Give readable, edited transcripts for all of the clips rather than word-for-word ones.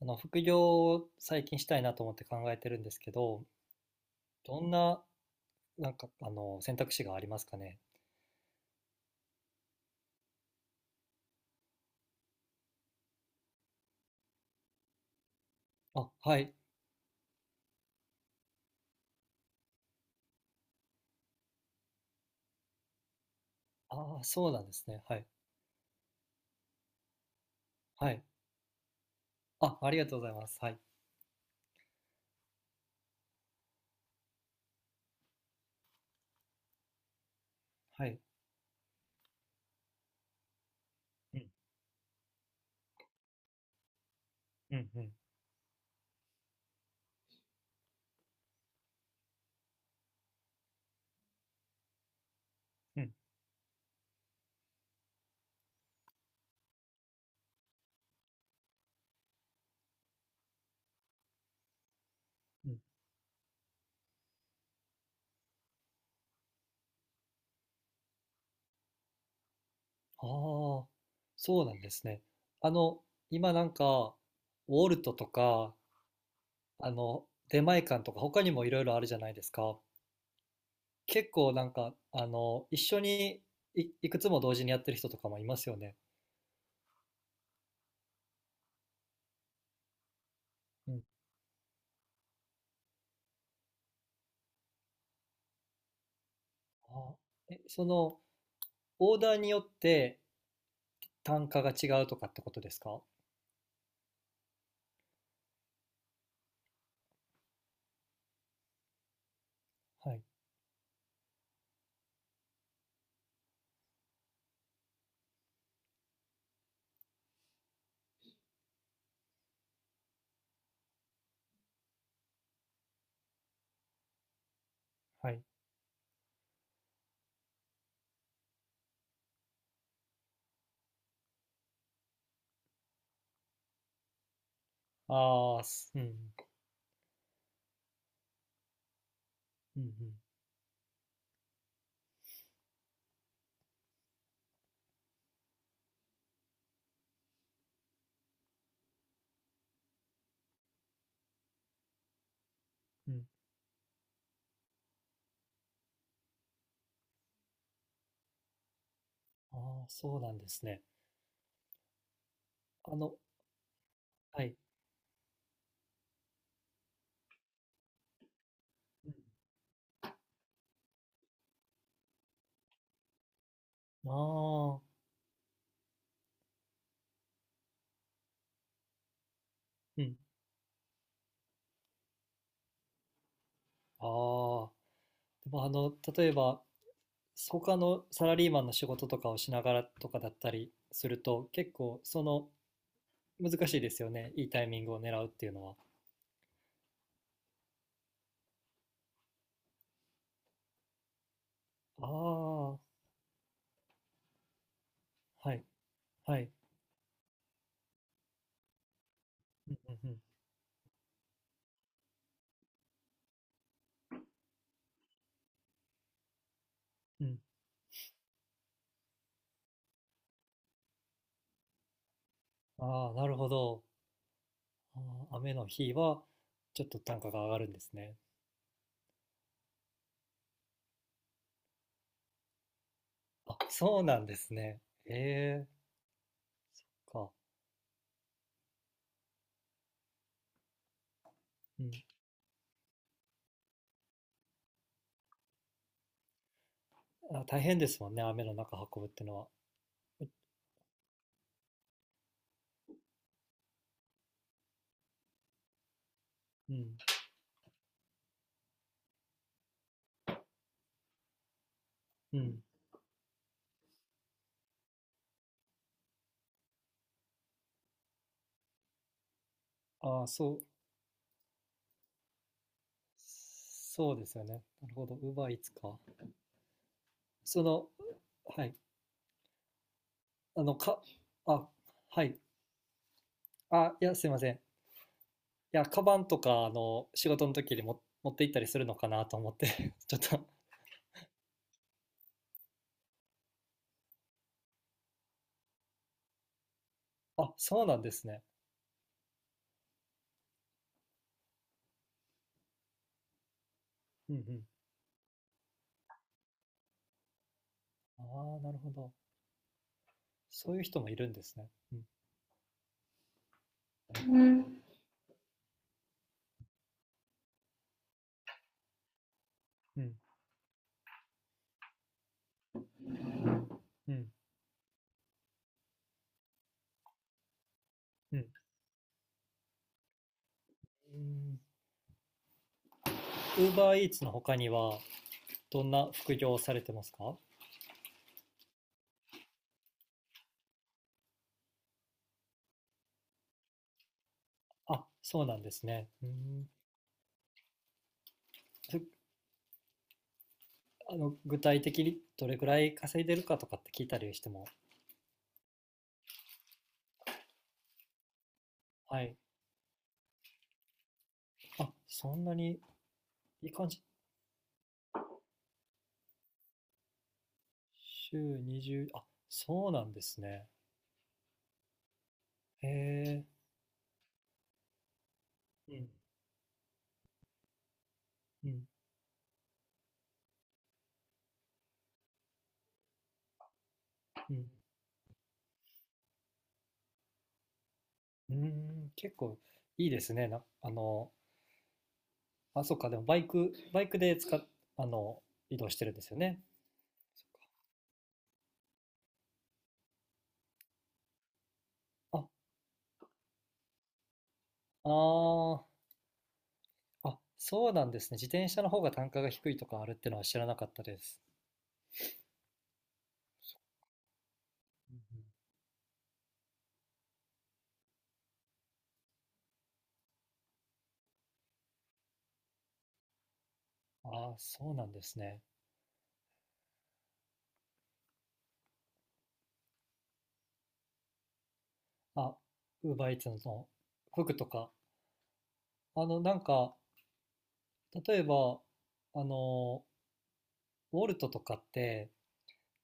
副業を最近したいなと思って考えてるんですけど、どんな、選択肢がありますかね。あ、はい。ああ、そうなんですね。はい。はい。あ、ありがとうございます。はい。はい。うん、うん、うん、うん、うん。ああ、そうなんですね。あの、今ウォルトとか、出前館とか、他にもいろいろあるじゃないですか。結構一緒にいくつも同時にやってる人とかもいますよね。うん。あー、え、その、オーダーによって単価が違うとかってことですか？はい。はい。ああ、すうん。うん、うん、うん。ああ、そうなんですね。あの、はい。うん。ああ、うん。ああ。でも、例えば、他のサラリーマンの仕事とかをしながらとかだったりすると、結構、難しいですよね。いいタイミングを狙うっていうのは。ああ、はい。はい。うん、うん、うん。うん。ああ、なるほど。あ雨の日は、ちょっと単価が上がるんですね。あ、そうなんですね。ええか。うん。あ、大変ですもんね、雨の中運ぶってのは。うん。うん。ああ、そう。そうですよね。なるほど。Uber Eats か。その、はい。あの、か、あ、はい。あ、いや、すいません。いや、カバンとか、仕事の時にも持って行ったりするのかなと思って ちょっとあ、そうなんですね。うん、うん。ああ、なるほど。そういう人もいるんですね。うん。うん。うん、うん。ウーバーイーツの他には、どんな副業をされてますか？あ、そうなんですね。うん。そ具体的にどれくらい稼いでるかとかって聞いたりしても、はい。あ、そんなにいい感じ。週20、あ、そうなんですね。へえ。うん、うん、うん。うーん、結構いいですね。あ、そっか。でもバイクであの、移動してるんですよね。あ、ああ、あ、そうなんですね。自転車の方が単価が低いとかあるってのは知らなかったです。うん、うん。あ、そうなんですね。あ、ウーバーイーツの服とか。あの、なんか、例えば、あの、ウォルトとかって、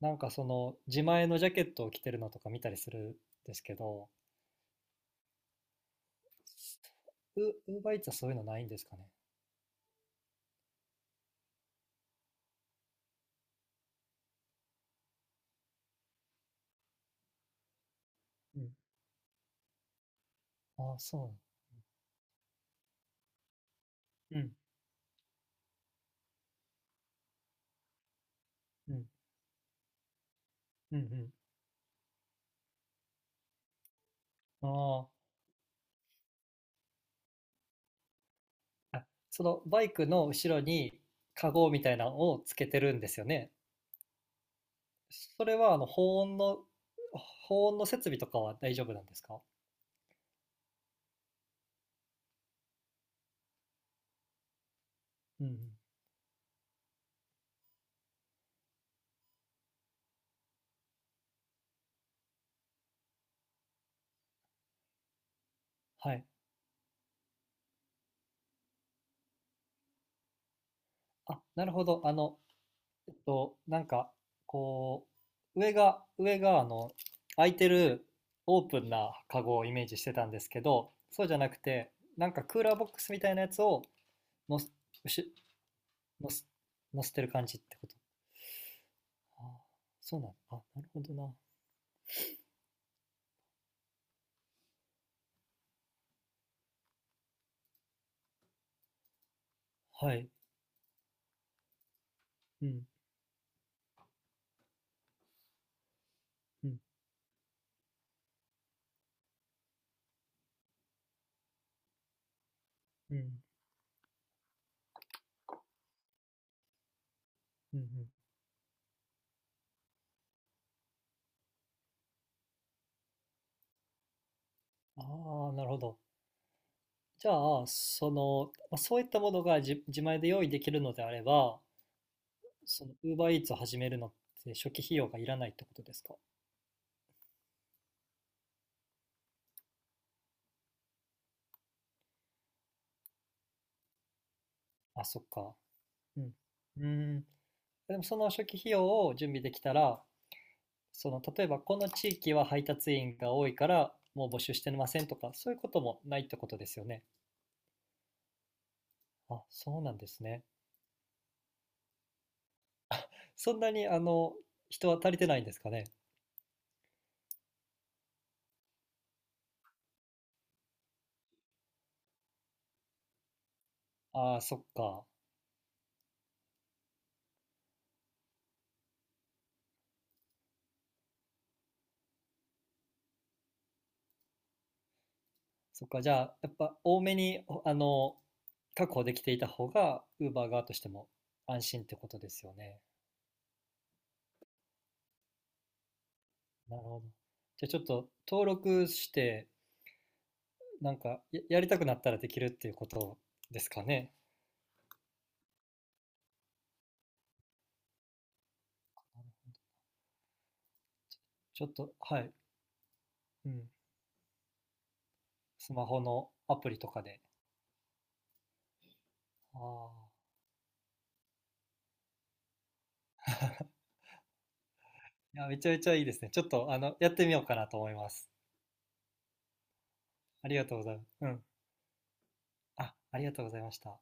自前のジャケットを着てるのとか見たりするんですけど、ウ、ウーバーイーツはそういうのないんですかね。うん。あ、そう。うん、うん、うん、うん。あーあそのバイクの後ろに、カゴみたいなのをつけてるんですよね。それは保温の設備とかは大丈夫なんですか？うん、うん。はい。あ、なるほど。えっとなんかこ上が空いてるオープンなカゴをイメージしてたんですけど、そうじゃなくてクーラーボックスみたいなやつをのすうしのすのせてる感じってこと？ああ、そうなの。あ、なるほどな。はい。うん、うん、うん、うん、うん。ああ、なるほど。じゃあ、まあ、そういったものが自前で用意できるのであれば、その Uber Eats を始めるのって初期費用がいらないってことですか？あ、そっか。うん。うーん。でもその初期費用を準備できたら、例えばこの地域は配達員が多いから、もう募集してませんとか、そういうこともないってことですよね。あ、そうなんですね。そんなに、人は足りてないんですかね。ああ、そっか。そっか、じゃあ、やっぱ多めに、確保できていた方が、Uber 側としても安心ってことですよね。なるほど。じゃあちょっと登録して、やりたくなったらできるっていうことですかね。ちょっと、はい。うん。スマホのアプリとかで。ああ。いや、めちゃめちゃいいですね。ちょっと、やってみようかなと思います。ありがとうございます。うん。あ、ありがとうございました。